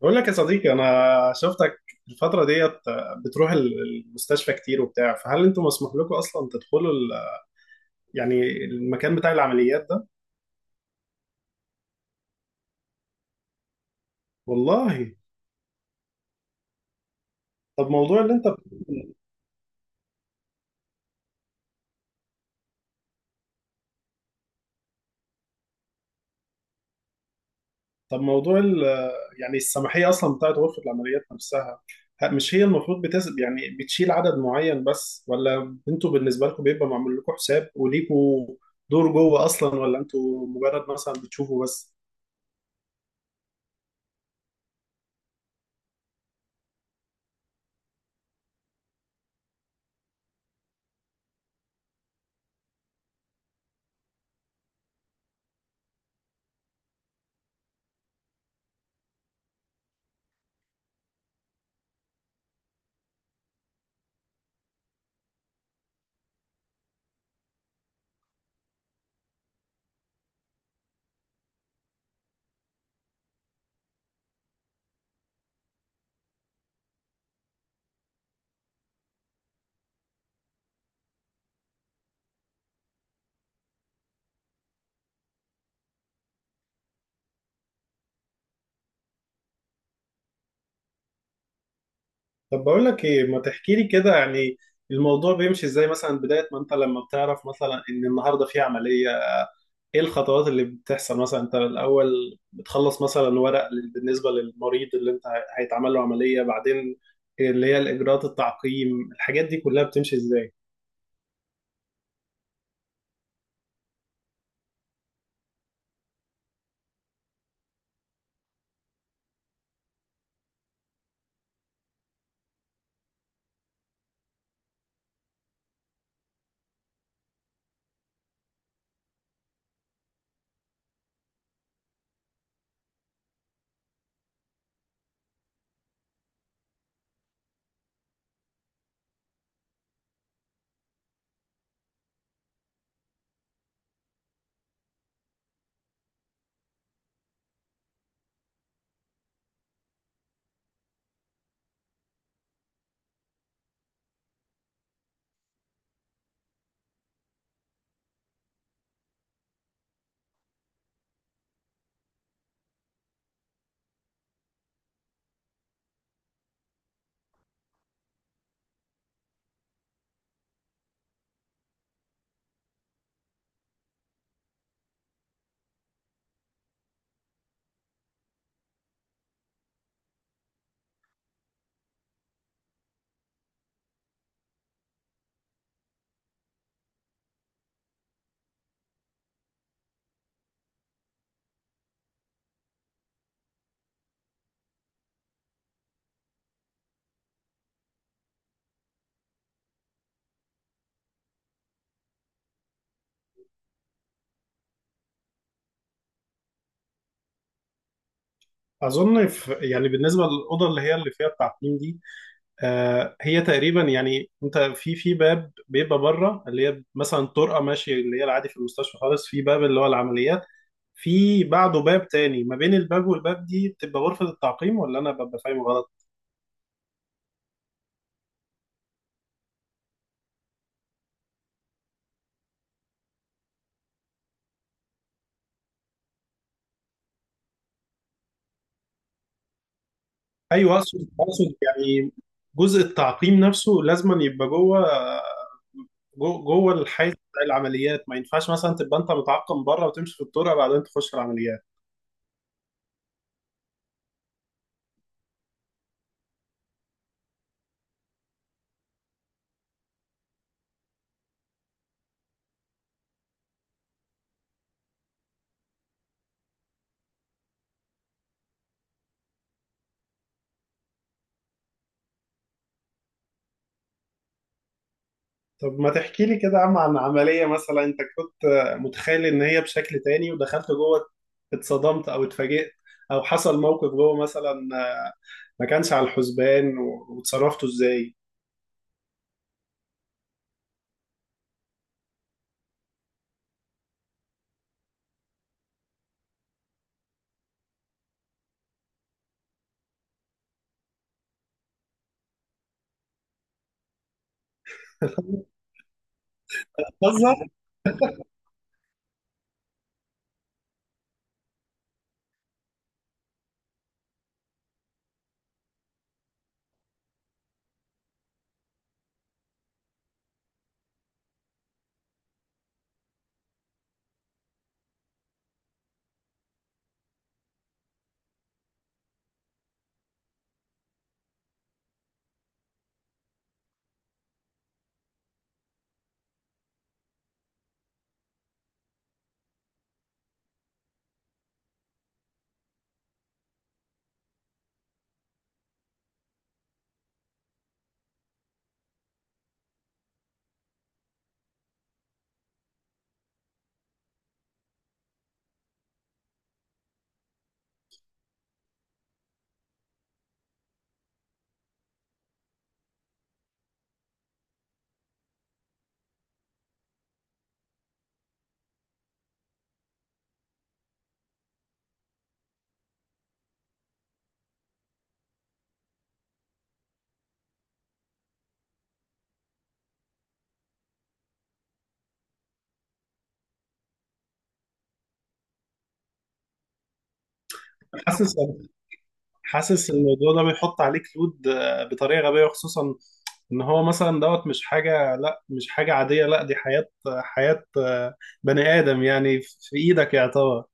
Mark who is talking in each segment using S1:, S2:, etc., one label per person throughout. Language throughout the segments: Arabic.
S1: بقول لك يا صديقي، انا شفتك الفتره ديت بتروح المستشفى كتير وبتاع. فهل انتم مسموح لكم اصلا تدخلوا يعني المكان بتاع العمليات ده؟ والله. طب موضوع اللي انت. طب موضوع يعني السماحيه اصلا بتاعت غرفه العمليات نفسها، مش هي المفروض بتسب يعني بتشيل عدد معين بس، ولا انتوا بالنسبه لكم بيبقى معمول لكم حساب وليكوا دور جوه اصلا، ولا انتوا مجرد مثلا بتشوفوا بس؟ طب بقول لك ايه، ما تحكي لي كده يعني الموضوع بيمشي ازاي؟ مثلا بداية ما انت لما بتعرف مثلا ان النهارده في عملية، ايه الخطوات اللي بتحصل؟ مثلا انت الاول بتخلص مثلا ورق بالنسبة للمريض اللي هيتعمل له عملية، بعدين اللي هي الاجراءات، التعقيم، الحاجات دي كلها بتمشي ازاي؟ اظن في يعني بالنسبة للأوضة اللي هي اللي فيها التعقيم دي، آه، هي تقريبا يعني انت في باب بيبقى بره اللي هي مثلا طرقة ماشية اللي هي العادي في المستشفى خالص، في باب اللي هو العمليات، في بعده باب تاني، ما بين الباب والباب دي بتبقى غرفة التعقيم، ولا أنا ببقى فاهم غلط؟ أيوه، أقصد يعني جزء التعقيم نفسه لازما يبقى جوه، جوه الحيز بتاع العمليات، ما ينفعش مثلا تبقى أنت متعقم بره وتمشي في الطرق بعدين تخش العمليات. طب ما تحكي لي كده يا عم عن عملية مثلا أنت كنت متخيل إن هي بشكل تاني، ودخلت جوه اتصدمت أو اتفاجئت، أو حصل موقف جوه مثلا ما كانش على الحسبان، واتصرفتوا إزاي؟ بتهزر؟ حاسس، حاسس الموضوع ده بيحط عليك لود آه، بطريقه غبيه، خصوصا ان هو مثلا دوت، مش حاجه، لا مش حاجه عاديه، لا دي حياه، حياه آه، بني ادم يعني في ايدك يعتبر.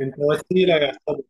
S1: انت وسيله يعتبر.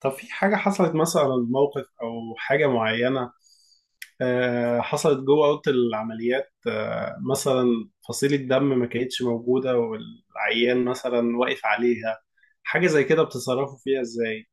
S1: طب في حاجه حصلت مثلا، موقف او حاجه معينه آه، حصلت جوه اوضه العمليات، آه، مثلا فصيله دم ما كانتش موجوده والعيان مثلا واقف عليها، حاجه زي كده بتتصرفوا فيها ازاي؟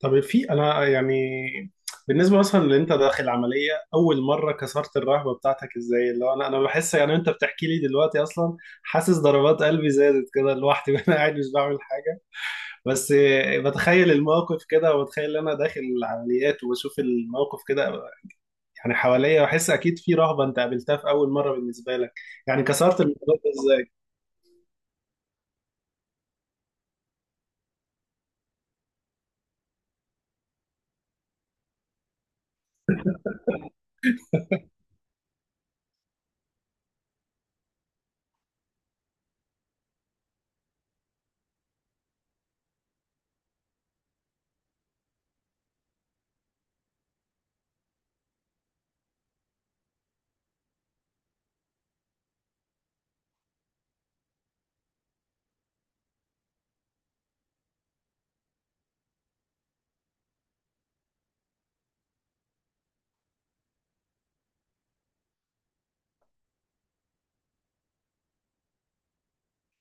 S1: طب في انا يعني بالنسبه مثلا اللي انت داخل عمليه اول مره، كسرت الرهبه بتاعتك ازاي؟ اللي هو انا بحس يعني انت بتحكي لي دلوقتي اصلا، حاسس ضربات قلبي زادت كده لوحدي وانا قاعد مش بعمل حاجه، بس بتخيل الموقف كده، وبتخيل ان انا داخل العمليات وبشوف الموقف كده يعني حواليا، بحس اكيد في رهبه انت قابلتها في اول مره بالنسبه لك، يعني كسرت الموضوع ده ازاي؟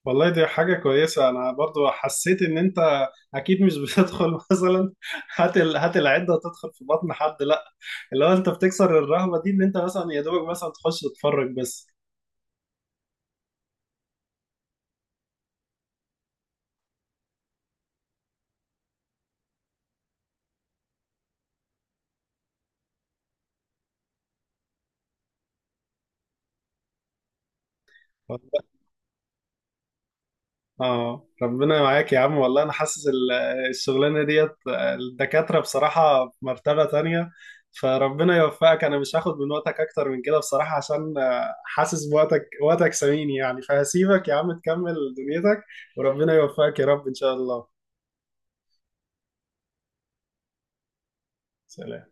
S1: والله دي حاجة كويسة، أنا برضو حسيت إن أنت أكيد مش بتدخل مثلا هات هات العدة وتدخل في بطن حد، لأ، اللي هو أنت بتكسر الرهبة دي إن أنت مثلا يا دوبك مثلا تخش تتفرج بس. آه ربنا معاك يا عم، والله أنا حاسس الشغلانة ديت الدكاترة بصراحة في مرتبة تانية، فربنا يوفقك. أنا مش هاخد من وقتك أكتر من كده بصراحة، عشان آه، حاسس بوقتك، وقتك ثمين يعني، فهسيبك يا عم تكمل دنيتك، وربنا يوفقك يا رب إن شاء الله. سلام.